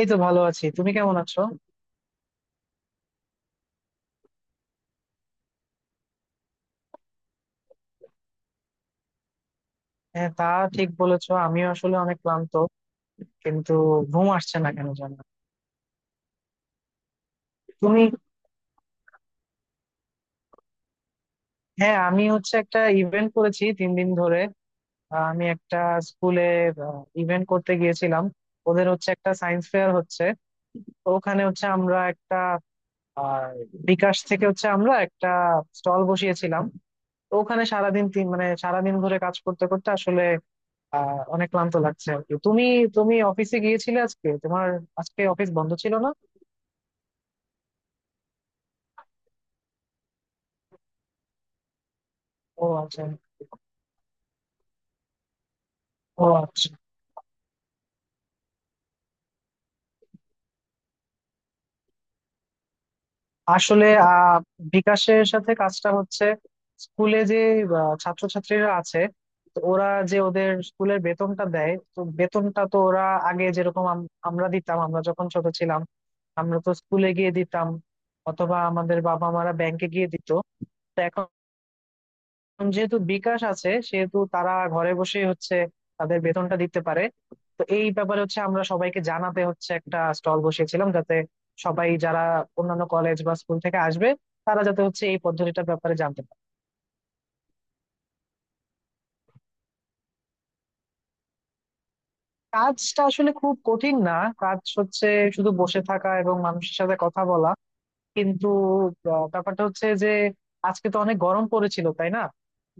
এই তো ভালো আছি। তুমি কেমন আছো? হ্যাঁ, তা ঠিক বলেছো। আমিও আসলে অনেক ক্লান্ত, কিন্তু ঘুম আসছে না, কেন জানো? তুমি। হ্যাঁ, আমি হচ্ছে একটা ইভেন্ট করেছি 3 দিন ধরে। আমি একটা স্কুলে ইভেন্ট করতে গিয়েছিলাম। ওদের হচ্ছে একটা সায়েন্স ফেয়ার হচ্ছে, তো ওখানে হচ্ছে আমরা একটা, আহ, বিকাশ থেকে হচ্ছে আমরা একটা স্টল বসিয়েছিলাম। তো ওখানে সারাদিন তিন মানে সারাদিন ধরে কাজ করতে করতে আসলে অনেক ক্লান্ত লাগছে আর কি। তুমি, অফিসে গিয়েছিলে আজকে, তোমার আজকে অফিস বন্ধ ছিল না? ও আচ্ছা। ও আচ্ছা। আসলে বিকাশের সাথে কাজটা হচ্ছে, স্কুলে যে ছাত্রছাত্রীরা আছে, তো ওরা যে ওদের স্কুলের বেতনটা দেয়, তো বেতনটা তো ওরা আগে যেরকম আমরা দিতাম, আমরা যখন ছোট ছিলাম আমরা তো স্কুলে গিয়ে দিতাম, অথবা আমাদের বাবা মারা ব্যাংকে গিয়ে দিত। যেহেতু বিকাশ আছে, সেহেতু তারা ঘরে বসেই হচ্ছে তাদের বেতনটা দিতে পারে। তো এই ব্যাপারে হচ্ছে আমরা সবাইকে জানাতে হচ্ছে একটা স্টল বসিয়েছিলাম, যাতে সবাই যারা অন্যান্য কলেজ বা স্কুল থেকে আসবে, তারা যাতে হচ্ছে এই পদ্ধতিটার ব্যাপারে জানতে পারে। কাজটা আসলে খুব কঠিন না, কাজ হচ্ছে শুধু বসে থাকা এবং মানুষের সাথে কথা বলা। কিন্তু ব্যাপারটা হচ্ছে যে আজকে তো অনেক গরম পড়েছিল, তাই না?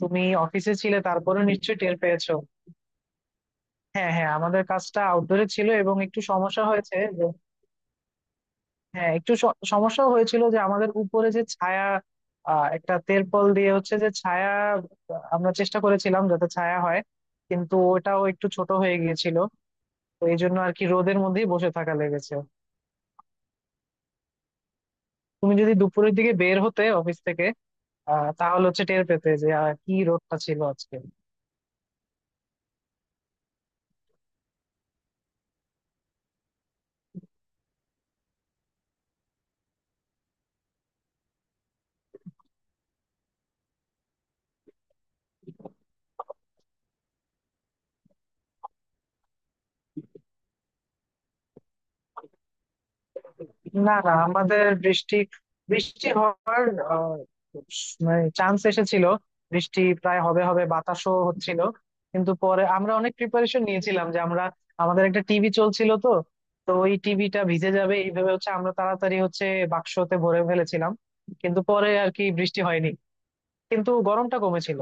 তুমি অফিসে ছিলে, তারপরে নিশ্চয়ই টের পেয়েছো। হ্যাঁ হ্যাঁ, আমাদের কাজটা আউটডোরে ছিল এবং একটু সমস্যা হয়েছে যে, হ্যাঁ একটু সমস্যাও হয়েছিল যে আমাদের উপরে যে ছায়া, একটা তেরপল দিয়ে হচ্ছে যে ছায়া, আমরা চেষ্টা করেছিলাম যাতে ছায়া হয়, কিন্তু ওটাও একটু ছোট হয়ে গিয়েছিল। তো এই জন্য আর কি রোদের মধ্যেই বসে থাকা লেগেছে। তুমি যদি দুপুরের দিকে বের হতে অফিস থেকে, তাহলে হচ্ছে টের পেতে যে কি রোদটা ছিল আজকে। না না, আমাদের বৃষ্টি বৃষ্টি হওয়ার আহ, মানে চান্স এসেছিল, বৃষ্টি প্রায় হবে হবে, বাতাসও হচ্ছিল। কিন্তু পরে আমরা অনেক প্রিপারেশন নিয়েছিলাম যে, আমরা, আমাদের একটা টিভি চলছিল তো, তো ওই টিভিটা ভিজে যাবে এইভাবে হচ্ছে আমরা তাড়াতাড়ি হচ্ছে বাক্সতে ভরে ফেলেছিলাম। কিন্তু পরে আর কি বৃষ্টি হয়নি, কিন্তু গরমটা কমেছিল।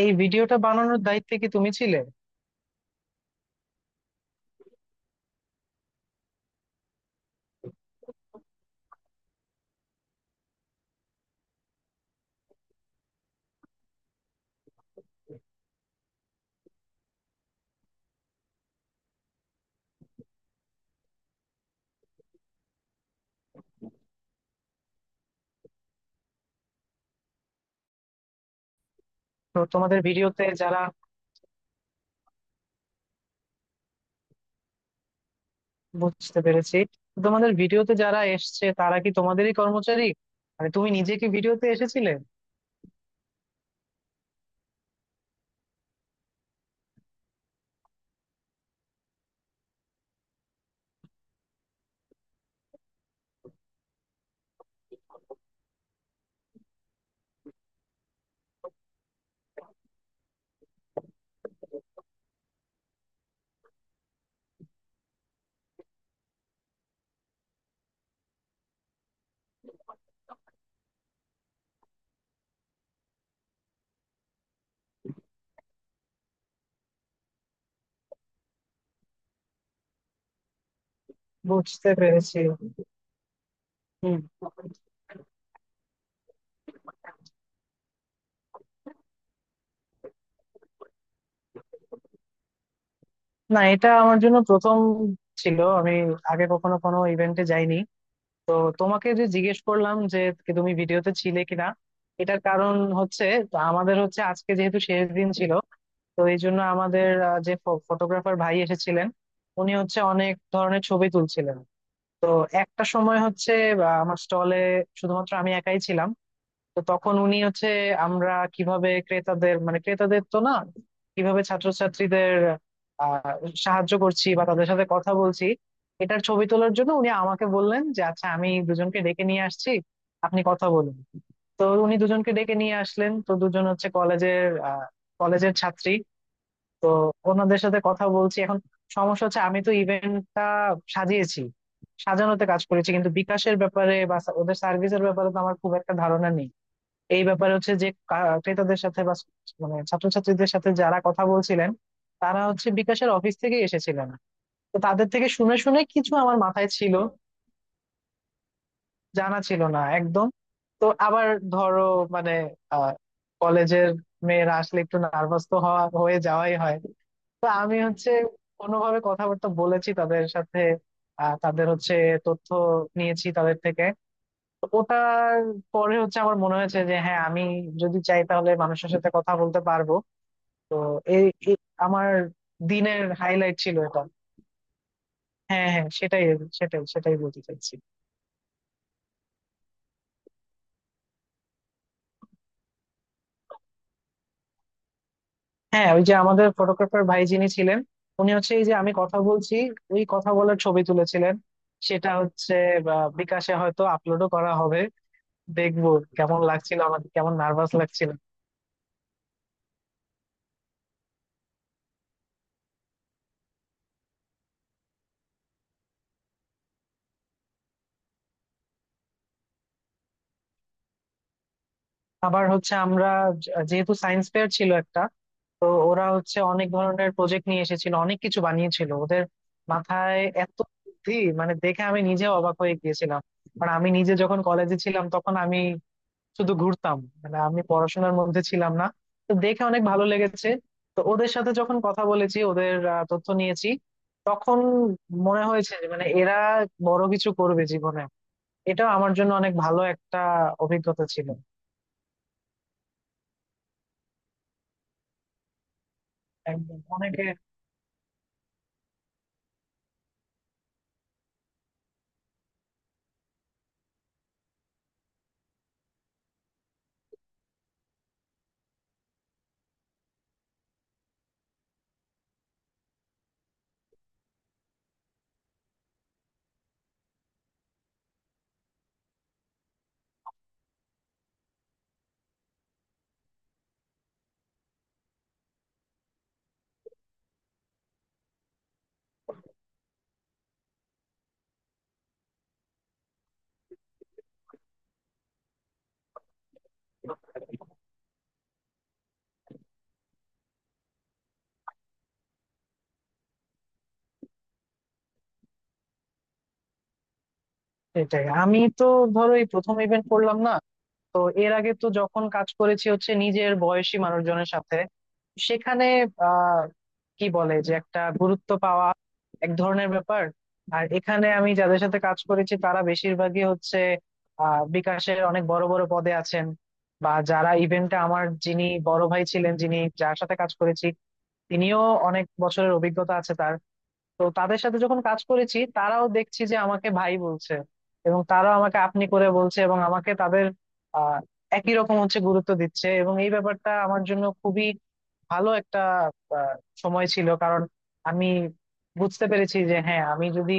এই ভিডিওটা বানানোর দায়িত্বে কি তুমি ছিলে? তো তোমাদের ভিডিওতে যারা, বুঝতে পেরেছি। তো তোমাদের ভিডিওতে যারা এসছে, তারা কি তোমাদেরই কর্মচারী? মানে তুমি নিজে কি ভিডিওতে এসেছিলে? বুঝতে পেরেছি। হুম। না, এটা আমার জন্য প্রথম ছিল। আমি আগে কখনো কোনো ইভেন্টে যাইনি। তো তোমাকে যে জিজ্ঞেস করলাম যে কি তুমি ভিডিওতে ছিলে কিনা, এটার কারণ হচ্ছে, তো আমাদের হচ্ছে আজকে যেহেতু শেষ দিন ছিল, তো এই জন্য আমাদের যে ফটোগ্রাফার ভাই এসেছিলেন, উনি হচ্ছে অনেক ধরনের ছবি তুলছিলেন। তো একটা সময় হচ্ছে বা আমার স্টলে শুধুমাত্র আমি একাই ছিলাম। তো তখন উনি হচ্ছে, আমরা কিভাবে ক্রেতাদের, মানে ক্রেতাদের তো না, কিভাবে ছাত্রছাত্রীদের আহ সাহায্য করছি বা তাদের সাথে কথা বলছি, এটার ছবি তোলার জন্য উনি আমাকে বললেন যে, আচ্ছা আমি দুজনকে ডেকে নিয়ে আসছি, আপনি কথা বলুন। তো উনি দুজনকে ডেকে নিয়ে আসলেন, তো দুজন হচ্ছে কলেজের, কলেজের ছাত্রী। তো ওনাদের সাথে কথা বলছি এখন। সমস্যা হচ্ছে আমি তো ইভেন্টটা সাজিয়েছি, সাজানোতে কাজ করেছি, কিন্তু বিকাশের ব্যাপারে বা ওদের সার্ভিসের ব্যাপারে তো আমার খুব একটা ধারণা নেই। এই ব্যাপারে হচ্ছে যে ক্রেতাদের সাথে বা মানে ছাত্রছাত্রীদের সাথে, যারা কথা বলছিলেন, তারা হচ্ছে বিকাশের অফিস থেকে এসেছিলেন, তো তাদের থেকে শুনে শুনে কিছু আমার মাথায় ছিল, জানা ছিল না একদম। তো আবার ধরো, মানে আহ কলেজের মেয়েরা আসলে একটু নার্ভাস তো হওয়া, হয়ে যাওয়াই হয়। তো আমি হচ্ছে কোনোভাবে কথাবার্তা বলেছি তাদের সাথে, তাদের হচ্ছে তথ্য নিয়েছি তাদের থেকে। তো ওটার পরে হচ্ছে আমার মনে হয়েছে যে হ্যাঁ, আমি যদি চাই তাহলে মানুষের সাথে কথা বলতে পারবো। তো এই এই আমার দিনের হাইলাইট ছিল এটা। হ্যাঁ হ্যাঁ, সেটাই, সেটাই, সেটাই বলতে চাইছি। হ্যাঁ, ওই যে আমাদের ফটোগ্রাফার ভাই যিনি ছিলেন, উনি হচ্ছে এই যে আমি কথা বলছি, ওই কথা বলার ছবি তুলেছিলেন। সেটা হচ্ছে বা, বিকাশে হয়তো আপলোডও করা হবে। দেখবো কেমন লাগছিল আমাকে, কেমন নার্ভাস লাগছিল। আবার হচ্ছে আমরা, যেহেতু সায়েন্স ফেয়ার ছিল একটা, তো ওরা হচ্ছে অনেক ধরনের প্রজেক্ট নিয়ে এসেছিল, অনেক কিছু বানিয়েছিল। ওদের মাথায় এত বুদ্ধি, মানে দেখে আমি নিজে অবাক হয়ে গিয়েছিলাম। আর আমি নিজে যখন কলেজে ছিলাম তখন আমি শুধু ঘুরতাম, মানে আমি পড়াশোনার মধ্যে ছিলাম না। তো দেখে অনেক ভালো লেগেছে। তো ওদের সাথে যখন কথা বলেছি, ওদের তথ্য নিয়েছি, তখন মনে হয়েছে যে মানে এরা বড় কিছু করবে জীবনে। এটা আমার জন্য অনেক ভালো একটা অভিজ্ঞতা ছিল। একদম। অনেকে। এটাই আমি তো, ধরো এই প্রথম ইভেন্ট করলাম না, তো এর আগে তো যখন কাজ করেছি হচ্ছে নিজের বয়সী মানুষজনের সাথে, সেখানে আহ কি বলে যে, একটা গুরুত্ব পাওয়া এক ধরনের ব্যাপার। আর এখানে আমি যাদের সাথে কাজ করেছি তারা বেশিরভাগই হচ্ছে বিকাশের অনেক বড় বড় পদে আছেন, বা যারা ইভেন্টে আমার যিনি বড় ভাই ছিলেন, যিনি যার সাথে কাজ করেছি, তিনিও অনেক বছরের অভিজ্ঞতা আছে তার। তো তাদের সাথে যখন কাজ করেছি, তারাও দেখছি যে আমাকে ভাই বলছে এবং তারাও আমাকে আপনি করে বলছে, এবং আমাকে তাদের আহ একই রকম হচ্ছে গুরুত্ব দিচ্ছে, এবং এই ব্যাপারটা আমার জন্য খুবই ভালো একটা আহ, সময় ছিল। কারণ আমি বুঝতে পেরেছি যে হ্যাঁ, আমি যদি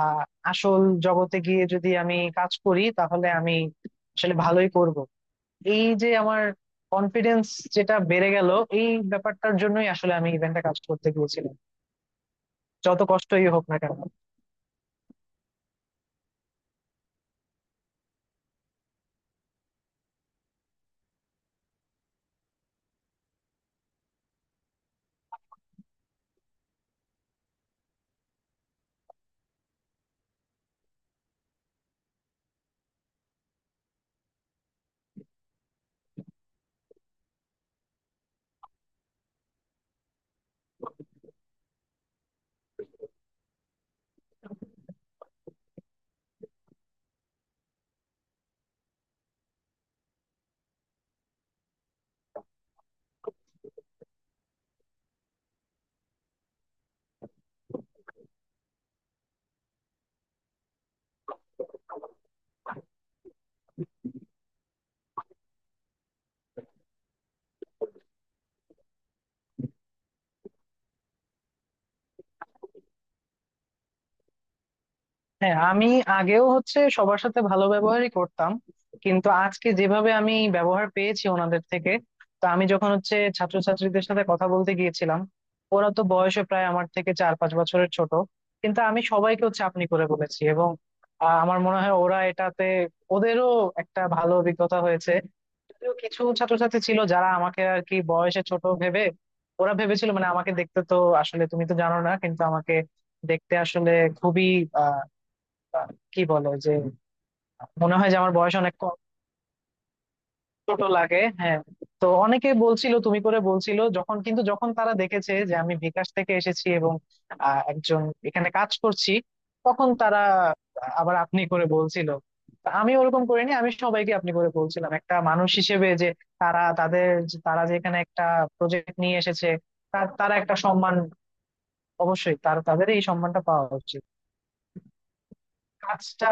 আহ আসল জগতে গিয়ে যদি আমি কাজ করি তাহলে আমি আসলে ভালোই করব। এই যে আমার কনফিডেন্স যেটা বেড়ে গেল, এই ব্যাপারটার জন্যই আসলে আমি ইভেন্টে কাজ করতে গিয়েছিলাম, যত কষ্টই হোক না কেন। হ্যাঁ, আমি আগেও হচ্ছে সবার সাথে ভালো ব্যবহারই করতাম, কিন্তু আজকে যেভাবে আমি ব্যবহার পেয়েছি ওনাদের থেকে, তো আমি যখন হচ্ছে ছাত্রছাত্রীদের সাথে কথা বলতে গিয়েছিলাম, ওরা তো বয়সে প্রায় আমার থেকে 4-5 বছরের ছোট, কিন্তু আমি সবাইকে হচ্ছে আপনি করে বলেছি এবং আমার মনে হয় ওরা এটাতে, ওদেরও একটা ভালো অভিজ্ঞতা হয়েছে। যদিও কিছু ছাত্রছাত্রী ছিল যারা আমাকে আর কি বয়সে ছোট ভেবে, ওরা ভেবেছিল মানে, আমাকে দেখতে তো, আসলে তুমি তো জানো না, কিন্তু আমাকে দেখতে আসলে খুবই আহ, কি বলে যে, মনে হয় যে আমার বয়স অনেক কম, ছোট লাগে, হ্যাঁ। তো অনেকে বলছিল তুমি করে বলছিল যখন, কিন্তু যখন তারা দেখেছে যে আমি বিকাশ থেকে এসেছি এবং একজন এখানে কাজ করছি, তখন তারা আবার আপনি করে বলছিল। তা আমি ওরকম করিনি, আমি সবাইকে আপনি করে বলছিলাম একটা মানুষ হিসেবে যে, তারা তাদের, তারা যে এখানে একটা প্রজেক্ট নিয়ে এসেছে, তারা একটা সম্মান অবশ্যই, তাদের এই সম্মানটা পাওয়া উচিত। কাজটা।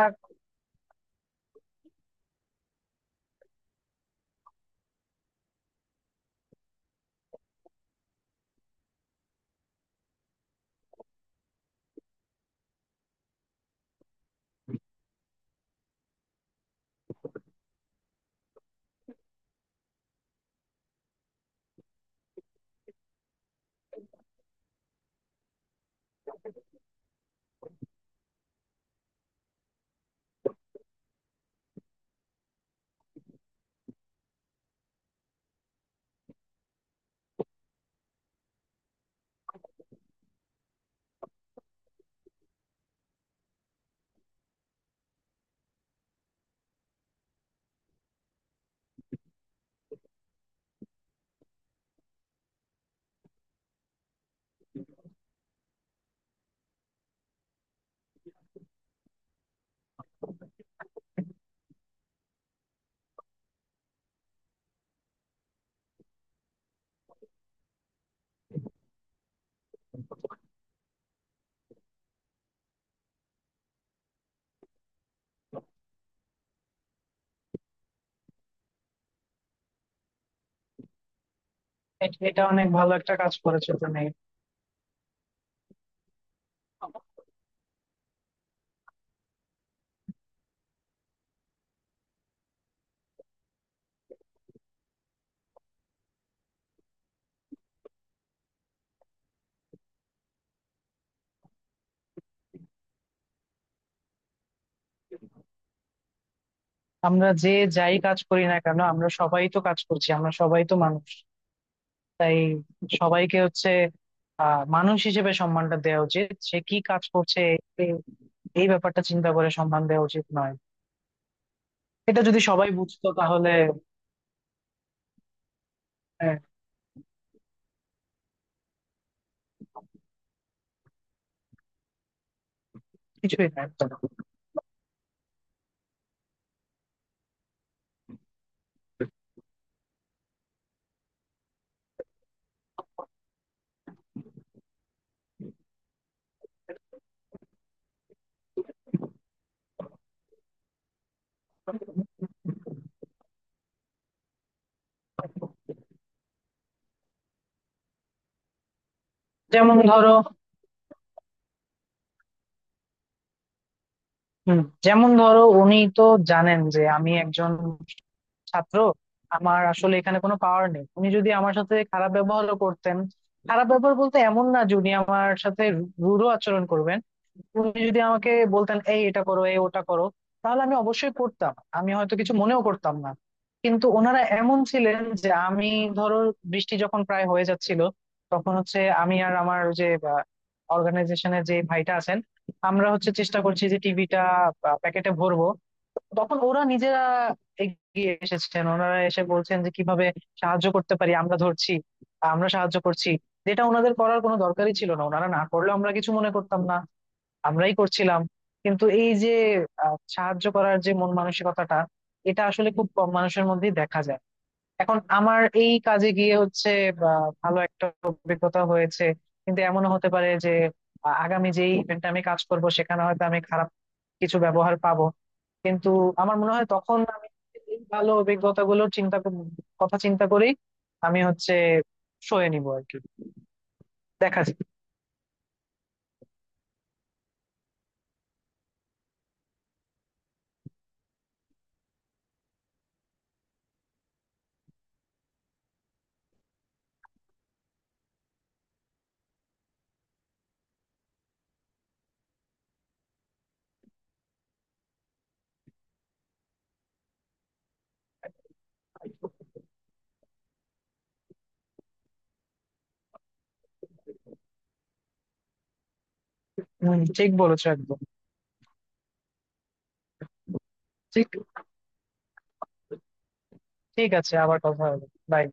এটা অনেক ভালো একটা কাজ করেছে তুমি। আমরা যে, যাই কাজ করি না কেন আমরা সবাই তো কাজ করছি, আমরা সবাই তো মানুষ। তাই সবাইকে হচ্ছে মানুষ হিসেবে সম্মানটা দেওয়া উচিত, সে কি কাজ করছে এ- এই ব্যাপারটা চিন্তা করে সম্মান দেওয়া উচিত নয়। এটা যদি সবাই বুঝতো তাহলে আহ, কিছুই থাকতো না। যেমন ধরো, হম, যেমন ধরো উনি তো জানেন যে আমি একজন ছাত্র, আমার আসলে এখানে কোনো পাওয়ার নেই, তুমি যদি আমার সাথে খারাপ ব্যবহারও করতেন, খারাপ ব্যবহার বলতে এমন না যে উনি আমার সাথে রূঢ় আচরণ করবেন। উনি যদি আমাকে বলতেন এই এটা করো, এই ওটা করো, তাহলে আমি অবশ্যই করতাম, আমি হয়তো কিছু মনেও করতাম না। কিন্তু ওনারা এমন ছিলেন যে, আমি ধরো বৃষ্টি যখন প্রায় হয়ে যাচ্ছিল, তখন হচ্ছে আমি আর আমার যে অর্গানাইজেশনের যে ভাইটা আছেন, আমরা হচ্ছে চেষ্টা করছি যে টিভিটা প্যাকেটে ভরবো, তখন ওরা নিজেরা এগিয়ে এসেছেন, ওনারা এসে বলছেন যে কিভাবে সাহায্য করতে পারি, আমরা ধরছি, আমরা সাহায্য করছি, যেটা ওনাদের করার কোনো দরকারই ছিল না, ওনারা না করলেও আমরা কিছু মনে করতাম না, আমরাই করছিলাম। কিন্তু এই যে সাহায্য করার যে মন মানসিকতাটা, এটা আসলে খুব কম মানুষের মধ্যেই দেখা যায়। এখন আমার এই কাজে গিয়ে হচ্ছে বা, ভালো একটা অভিজ্ঞতা হয়েছে। কিন্তু এমনও হতে পারে যে আগামী যে ইভেন্টে আমি কাজ করব, সেখানে হয়তো আমি খারাপ কিছু ব্যবহার পাবো। কিন্তু আমার মনে হয় তখন আমি এই ভালো অভিজ্ঞতা গুলো চিন্তা কথা চিন্তা করেই আমি হচ্ছে সয়ে নিবো আর কি। দেখা যাক। হম, ঠিক বলেছো একদম। ঠিক, ঠিক আছে, আবার কথা হবে। Bye.